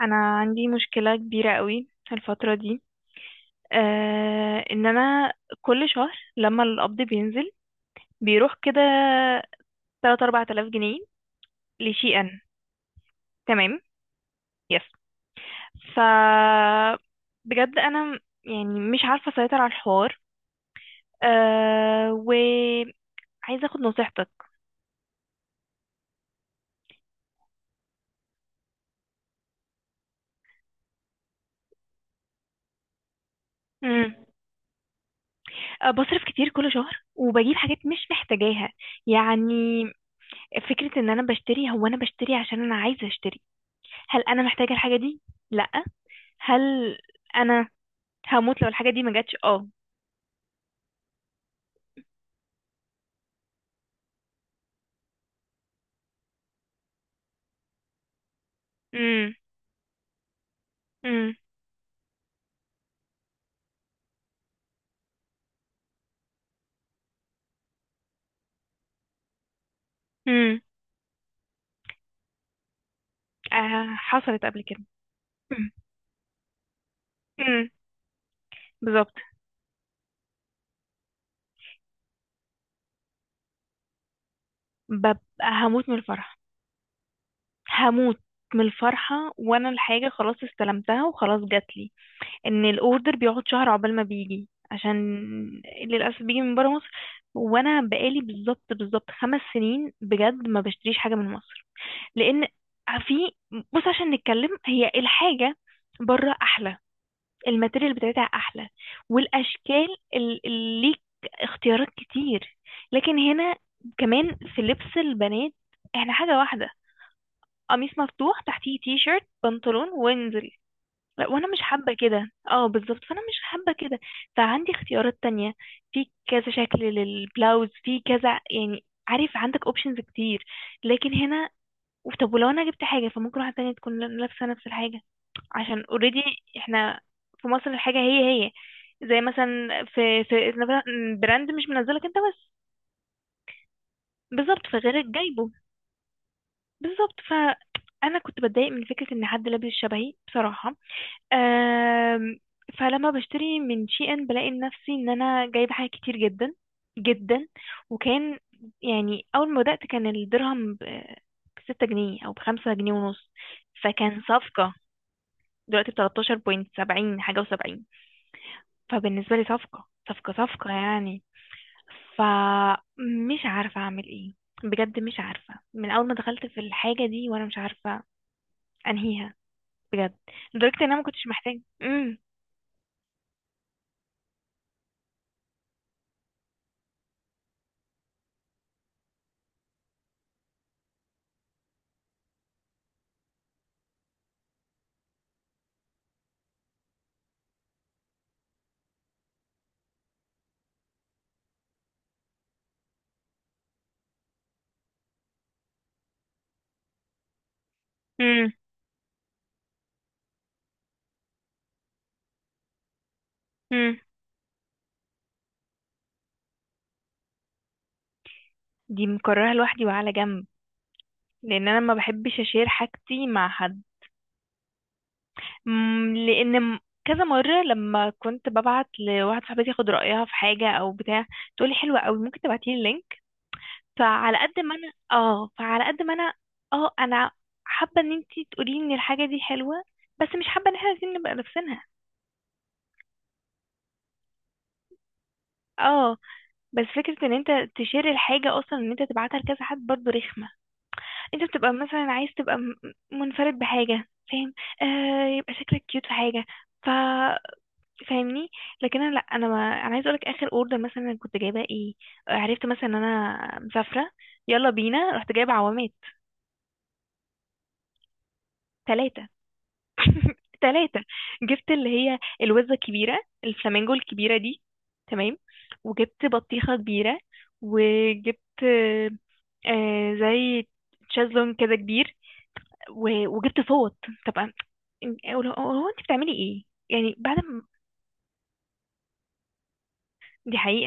انا عندي مشكله كبيره قوي الفتره دي. آه ان انا كل شهر لما القبض بينزل بيروح كده 3 4000 جنيه لشي ان. تمام. يس، ف بجد انا يعني مش عارفه اسيطر على الحوار. وعايزه اخد نصيحتك. مم. بصرف كتير كل شهر وبجيب حاجات مش محتاجاها يعني. فكره ان انا بشتري، هو انا بشتري عشان انا عايزه اشتري. هل انا محتاجه الحاجه دي؟ لا. هل انا هموت لو الحاجه دي ما جاتش؟ اه. امم امم امم حصلت قبل كده. امم امم بالظبط، ببقى هموت من الفرح، هموت من الفرحة وانا الحاجة خلاص استلمتها وخلاص جاتلي. ان الاوردر بيقعد شهر عقبال ما بيجي، عشان للأسف بيجي من برا مصر. وانا بقالي بالظبط بالظبط 5 سنين بجد ما بشتريش حاجة من مصر. لان في بص، عشان نتكلم، هي الحاجة بره احلى، الماتيريال بتاعتها احلى، والاشكال، ليك اختيارات كتير. لكن هنا كمان في لبس البنات احنا حاجة واحدة، قميص مفتوح تحتيه تي شيرت بنطلون وانزل. لا، وانا مش حابة كده، اه بالظبط، فانا مش حابة كده. فعندي اختيارات تانية، في كذا شكل للبلاوز، في كذا، يعني عارف عندك اوبشنز كتير. لكن هنا، طب ولو انا جبت حاجة فممكن واحدة تانية تكون لابسة نفس الحاجة، عشان اوريدي احنا في مصر الحاجة هي هي، زي مثلا في براند مش منزلك انت بس. بالظبط، فغيرك جايبه. بالظبط، فانا كنت بتضايق من فكرة ان حد لابس شبهي بصراحة. أم فلما بشتري من شي ان بلاقي نفسي ان انا جايبة حاجات كتير جدا جدا. وكان يعني اول ما بدأت كان الدرهم بستة جنيه او بخمسة جنيه ونص، فكان صفقة. دلوقتي بتلاتاشر بوينت سبعين حاجة و70. فبالنسبة لي صفقة صفقة صفقة يعني. فمش عارفة أعمل إيه، بجد مش عارفة. من أول ما دخلت في الحاجة دي وأنا مش عارفة أنهيها بجد، لدرجة إن أنا ما كنتش محتاجة. أمم أمم أمم دي مكررها لوحدي وعلى جنب، لأن أنا ما بحبش أشير حاجتي مع حد. لأن كذا مرة لما كنت ببعت لواحد صاحبتي ياخد رأيها في حاجة أو بتاع، تقولي حلوة أوي، ممكن تبعتيلي اللينك. فعلى قد ما انا، اه، انا حابه ان انتي تقولي ان الحاجه دي حلوه، بس مش حابه ان احنا عايزين نبقى لابسينها. اه، بس فكره ان انت تشير الحاجه اصلا، ان انت تبعتها لكذا حد برضو رخمه. انت بتبقى مثلا عايز تبقى منفرد بحاجه، فاهم؟ آه، يبقى شكلك كيوت في حاجه. ف فاهمني. لكن انا لا، انا ما... انا عايز اقولك اخر اوردر مثلا أنا كنت جايباه ايه. عرفت مثلا ان انا مسافره، يلا بينا، رحت جايبه عوامات ثلاثه. ثلاثة. جبت اللي هي الوزة الكبيرة الفلامينجو الكبيرة دي. تمام. وجبت بطيخة كبيرة، وجبت زي تشازلون كده كبير، وجبت فوط. طبعا. هو هو انت بتعملي ايه يعني بعد ما... دي حقيقة،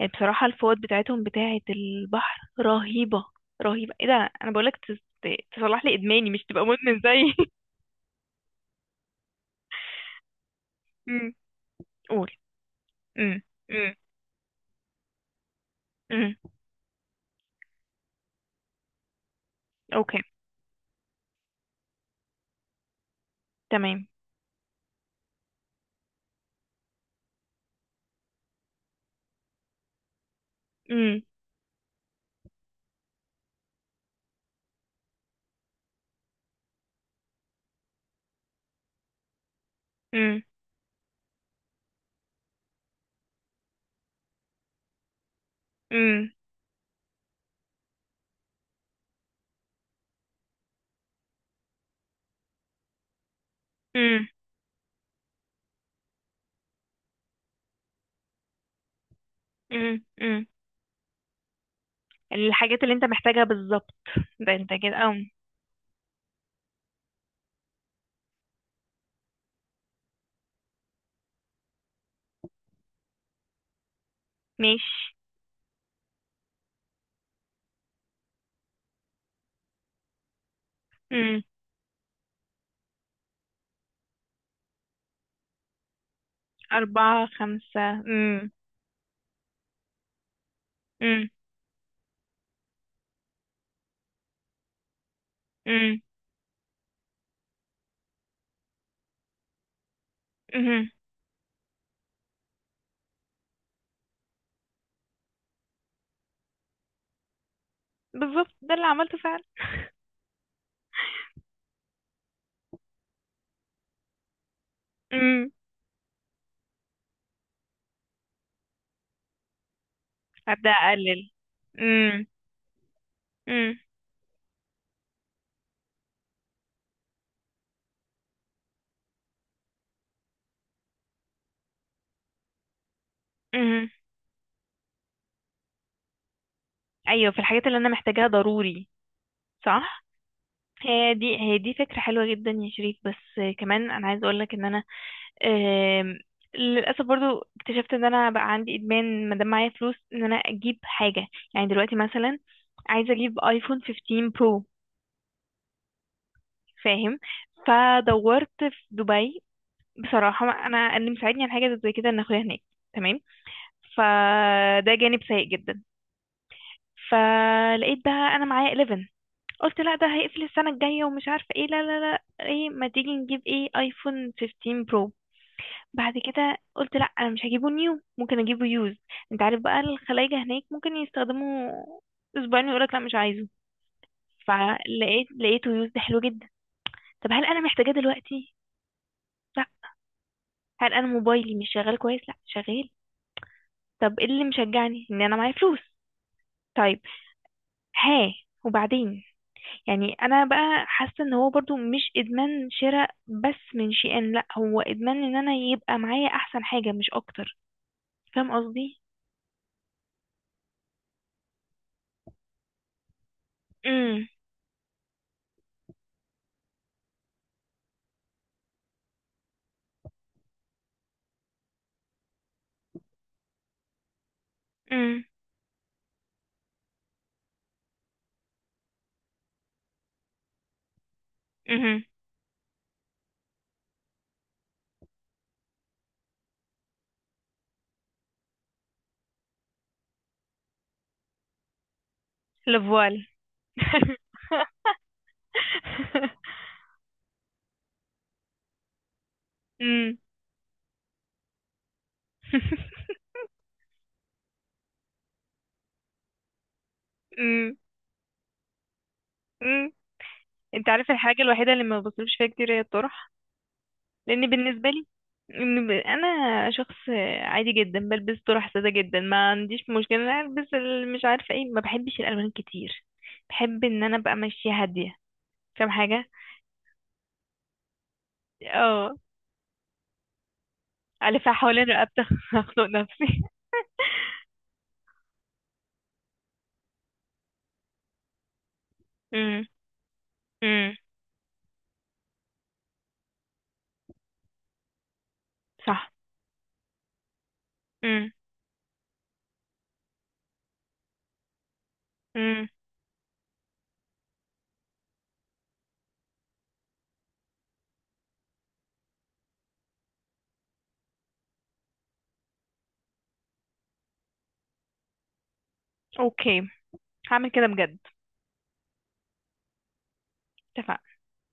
يعني بصراحة الفوط بتاعتهم بتاعة البحر رهيبة، رهيبة. ايه ده؟ انا بقولك تصلح لي ادماني، مش تبقى مدمن زي قول. امم امم امم اوكي. تمام. امم امم امم امم امم امم الحاجات اللي انت محتاجها بالظبط. ده انت كده او... ماشي. امم أربعة خمسة. امم امم امم امم بالظبط، ده اللي عملته فعلا. امم هبدأ أقلل. امم امم امم أيوة، في الحاجات اللي أنا محتاجاها ضروري، صح. هي دي هي دي فكرة حلوة جدا يا شريف. بس كمان أنا عايزة أقولك إن أنا، آم، للاسف برضو اكتشفت ان انا بقى عندي ادمان، ما دام معايا فلوس ان انا اجيب حاجه. يعني دلوقتي مثلا عايزه اجيب ايفون 15 برو، فاهم؟ فدورت في دبي. بصراحه انا اللي مساعدني على حاجه زي كده ان اخويا هناك، تمام. فده جانب سيء جدا. فلقيت بقى انا معايا 11. قلت لا، ده هيقفل السنه الجايه ومش عارفه ايه. لا لا لا، ايه، ما تيجي نجيب ايه؟ ايفون 15 برو. بعد كده قلت لا، انا مش هجيبه نيو، ممكن اجيبه يوز. انت عارف بقى الخلايجة هناك ممكن يستخدموا اسبوعين ويقولك لا، مش عايزه. فلقيت، لقيته يوز، ده حلو جدا. طب هل انا محتاجاه دلوقتي؟ لا. هل انا موبايلي مش شغال كويس؟ لا، شغال. طب ايه اللي مشجعني؟ ان انا معايا فلوس. طيب. ها. وبعدين. يعني انا بقى حاسه ان هو برضو مش ادمان شراء بس من شيئان، لا، هو ادمان ان انا يبقى معايا احسن حاجه، مش اكتر. فاهم قصدي؟ امم امم Le voile. امم امم امم انت عارف الحاجة الوحيدة اللي ما بصرفش فيها كتير هي الطرح. لان بالنسبة لي، انا شخص عادي جدا، بلبس طرح سادة جدا، ما عنديش مشكلة إن انا البس مش عارفة ايه. ما بحبش الالوان كتير، بحب ان انا ابقى ماشية هادية. فاهم حاجة. اه، الفها حوالين رقبتي اخنق نفسي. امم امم صح. امم امم اوكي، هعمل كده بجد. اتفقنا.